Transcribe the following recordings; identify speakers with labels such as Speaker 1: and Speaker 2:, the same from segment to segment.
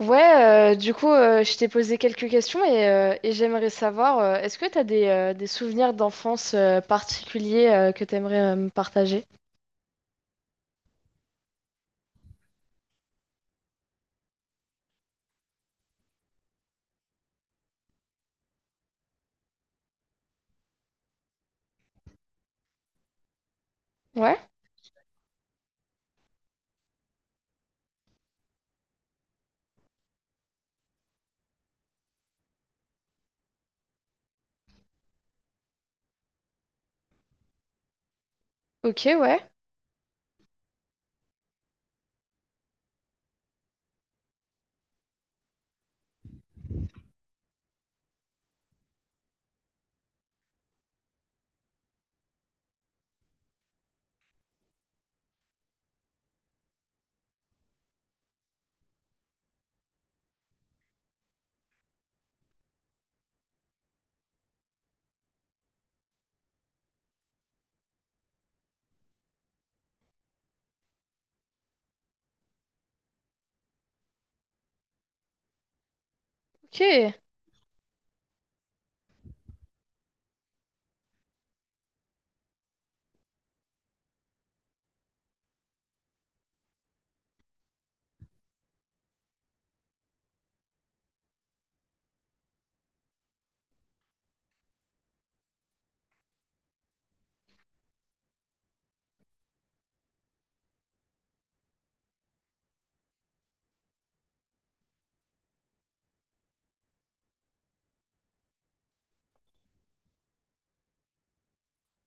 Speaker 1: Je t'ai posé quelques questions et j'aimerais savoir, est-ce que tu as des souvenirs d'enfance particuliers que tu aimerais me partager? Ouais. Ok. Ouais. Ok.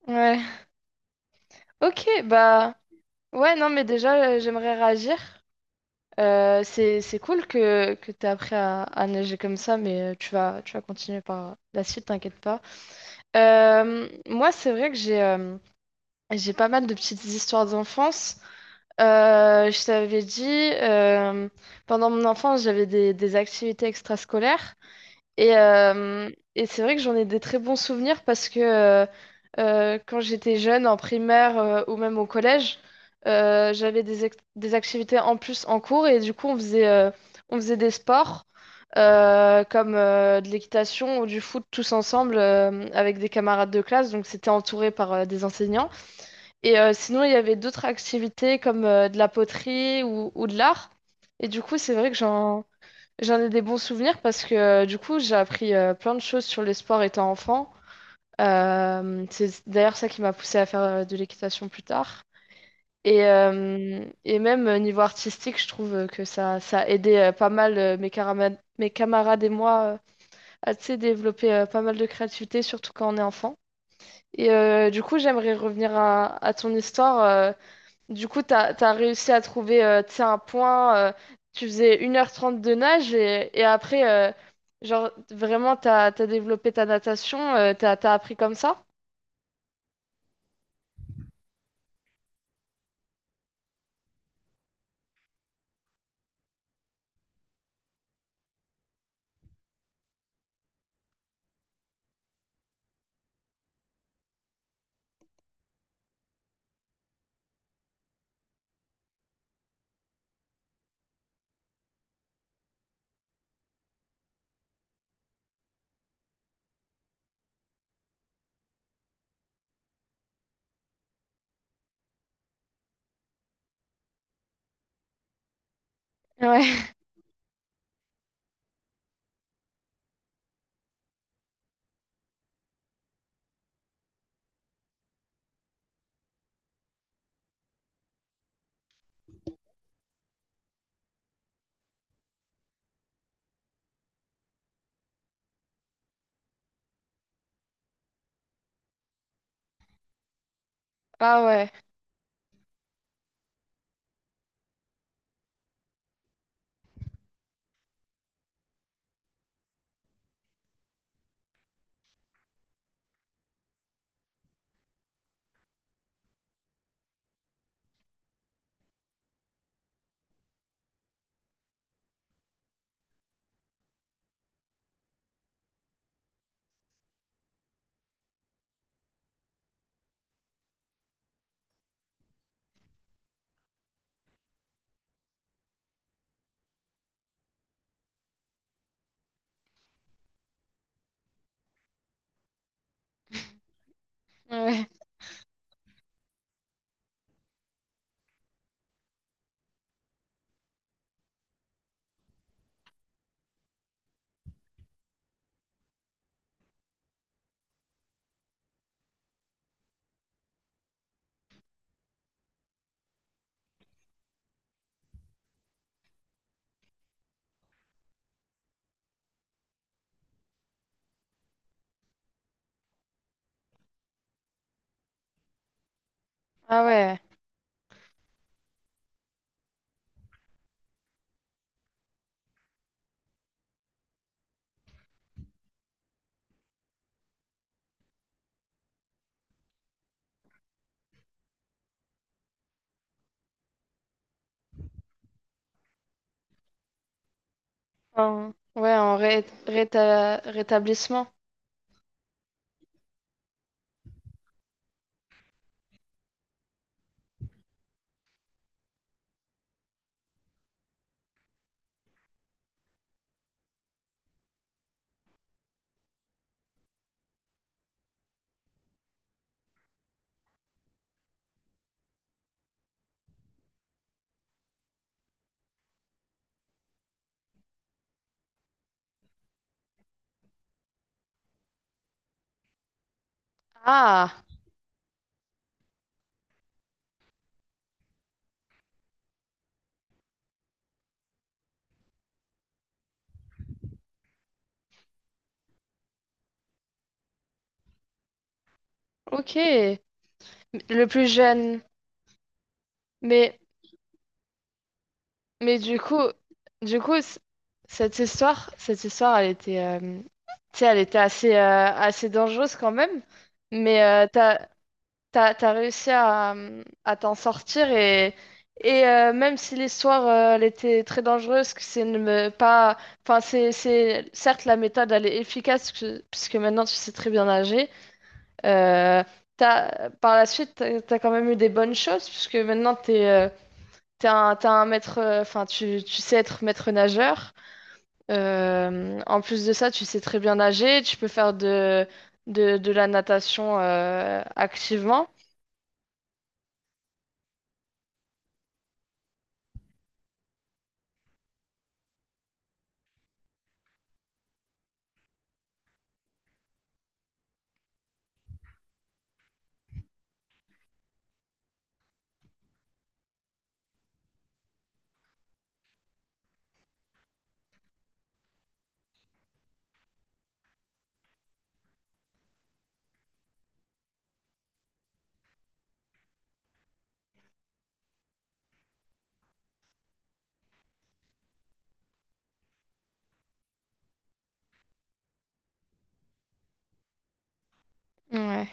Speaker 1: Ouais. Ok. Bah, ouais. Non, mais déjà, j'aimerais réagir. C'est cool que tu appris à nager comme ça, mais tu vas continuer par la suite, t'inquiète pas. Moi, c'est vrai que j'ai pas mal de petites histoires d'enfance. Je t'avais dit, pendant mon enfance, j'avais des activités extrascolaires et, euh, et c'est vrai que j'en ai des très bons souvenirs parce que quand j'étais jeune, en primaire ou même au collège, j'avais des, des activités en plus en cours et du coup, on faisait des sports comme de l'équitation ou du foot tous ensemble avec des camarades de classe, donc c'était entouré par des enseignants. Et sinon, il y avait d'autres activités comme de la poterie ou de l'art. Et du coup, c'est vrai que j'en ai des bons souvenirs parce que du coup, j'ai appris plein de choses sur les sports étant enfant. C'est d'ailleurs ça qui m'a poussée à faire de l'équitation plus tard. Et même niveau artistique, je trouve que ça a aidé pas mal mes, mes camarades et moi à tu sais, développer pas mal de créativité, surtout quand on est enfant. Et du coup, j'aimerais revenir à ton histoire. Du coup, t'as réussi à trouver tu sais, un point. Tu faisais une heure trente de nage et après, genre, vraiment, t'as développé ta natation. T'as appris comme ça? Ouais. Ah ouais. Ouais. Ah ouais. Ouais, en rétablissement. Ah. Ok. Le plus jeune. Mais, mais du coup, cette histoire, elle était, tu sais, elle était assez, assez dangereuse quand même. Mais t'as, t'as réussi à t'en sortir et même si l'histoire elle était très dangereuse, que c'est ne me- pas, enfin c'est certes la méthode elle est efficace puisque maintenant tu sais très bien nager. euh, Par la suite t'as quand même eu des bonnes choses puisque maintenant t'es t'es un maître, enfin tu sais être maître nageur. En plus de ça, tu sais très bien nager, tu peux faire de la natation activement. Ouais.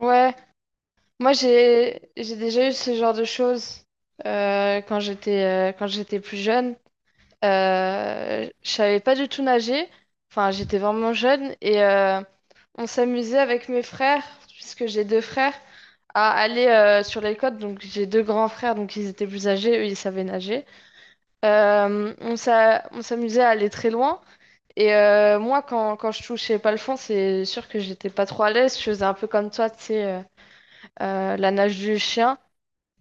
Speaker 1: Ouais. Moi, j'ai déjà eu ce genre de choses quand j'étais plus jeune. Je savais pas du tout nager. Enfin, j'étais vraiment jeune et on s'amusait avec mes frères, puisque j'ai deux frères, à aller sur les côtes. Donc, j'ai deux grands frères, donc ils étaient plus âgés, eux, ils savaient nager. On on s'amusait à aller très loin. Et moi, quand je touchais pas le fond, c'est sûr que j'étais pas trop à l'aise. Je faisais un peu comme toi, tu sais, la nage du chien.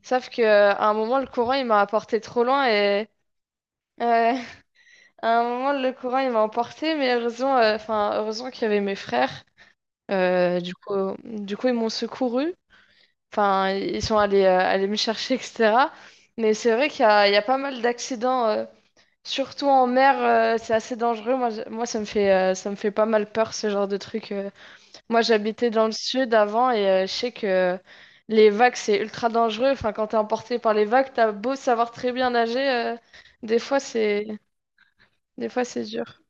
Speaker 1: Sauf que, à un moment, le courant, il m'a apporté trop loin et euh, à un moment, le courant, il m'a emporté, mais heureusement, enfin, heureusement qu'il y avait mes frères. Euh, du coup, du coup, ils m'ont secouru. Enfin, ils sont allés, allés me chercher, etc. Mais c'est vrai qu'il y a, il y a pas mal d'accidents, surtout en mer, c'est assez dangereux. Moi, moi, ça me fait pas mal peur, ce genre de truc. Moi, j'habitais dans le sud avant et je sais que les vagues, c'est ultra dangereux. Enfin, quand t'es emporté par les vagues, t'as beau savoir très bien nager, des fois, c'est des fois, c'est dur.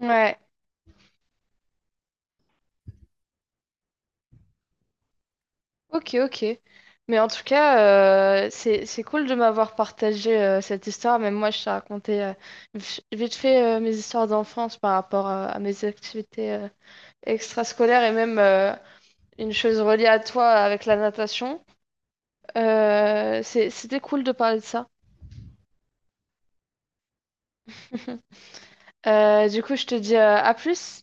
Speaker 1: Ouais, ok, ok. Mais en tout cas, c'est cool de m'avoir partagé cette histoire. Même moi, je t'ai raconté vite fait mes histoires d'enfance par rapport à mes activités extrascolaires et même une chose reliée à toi avec la natation. C'était cool de parler de ça. Du coup, je te dis à plus.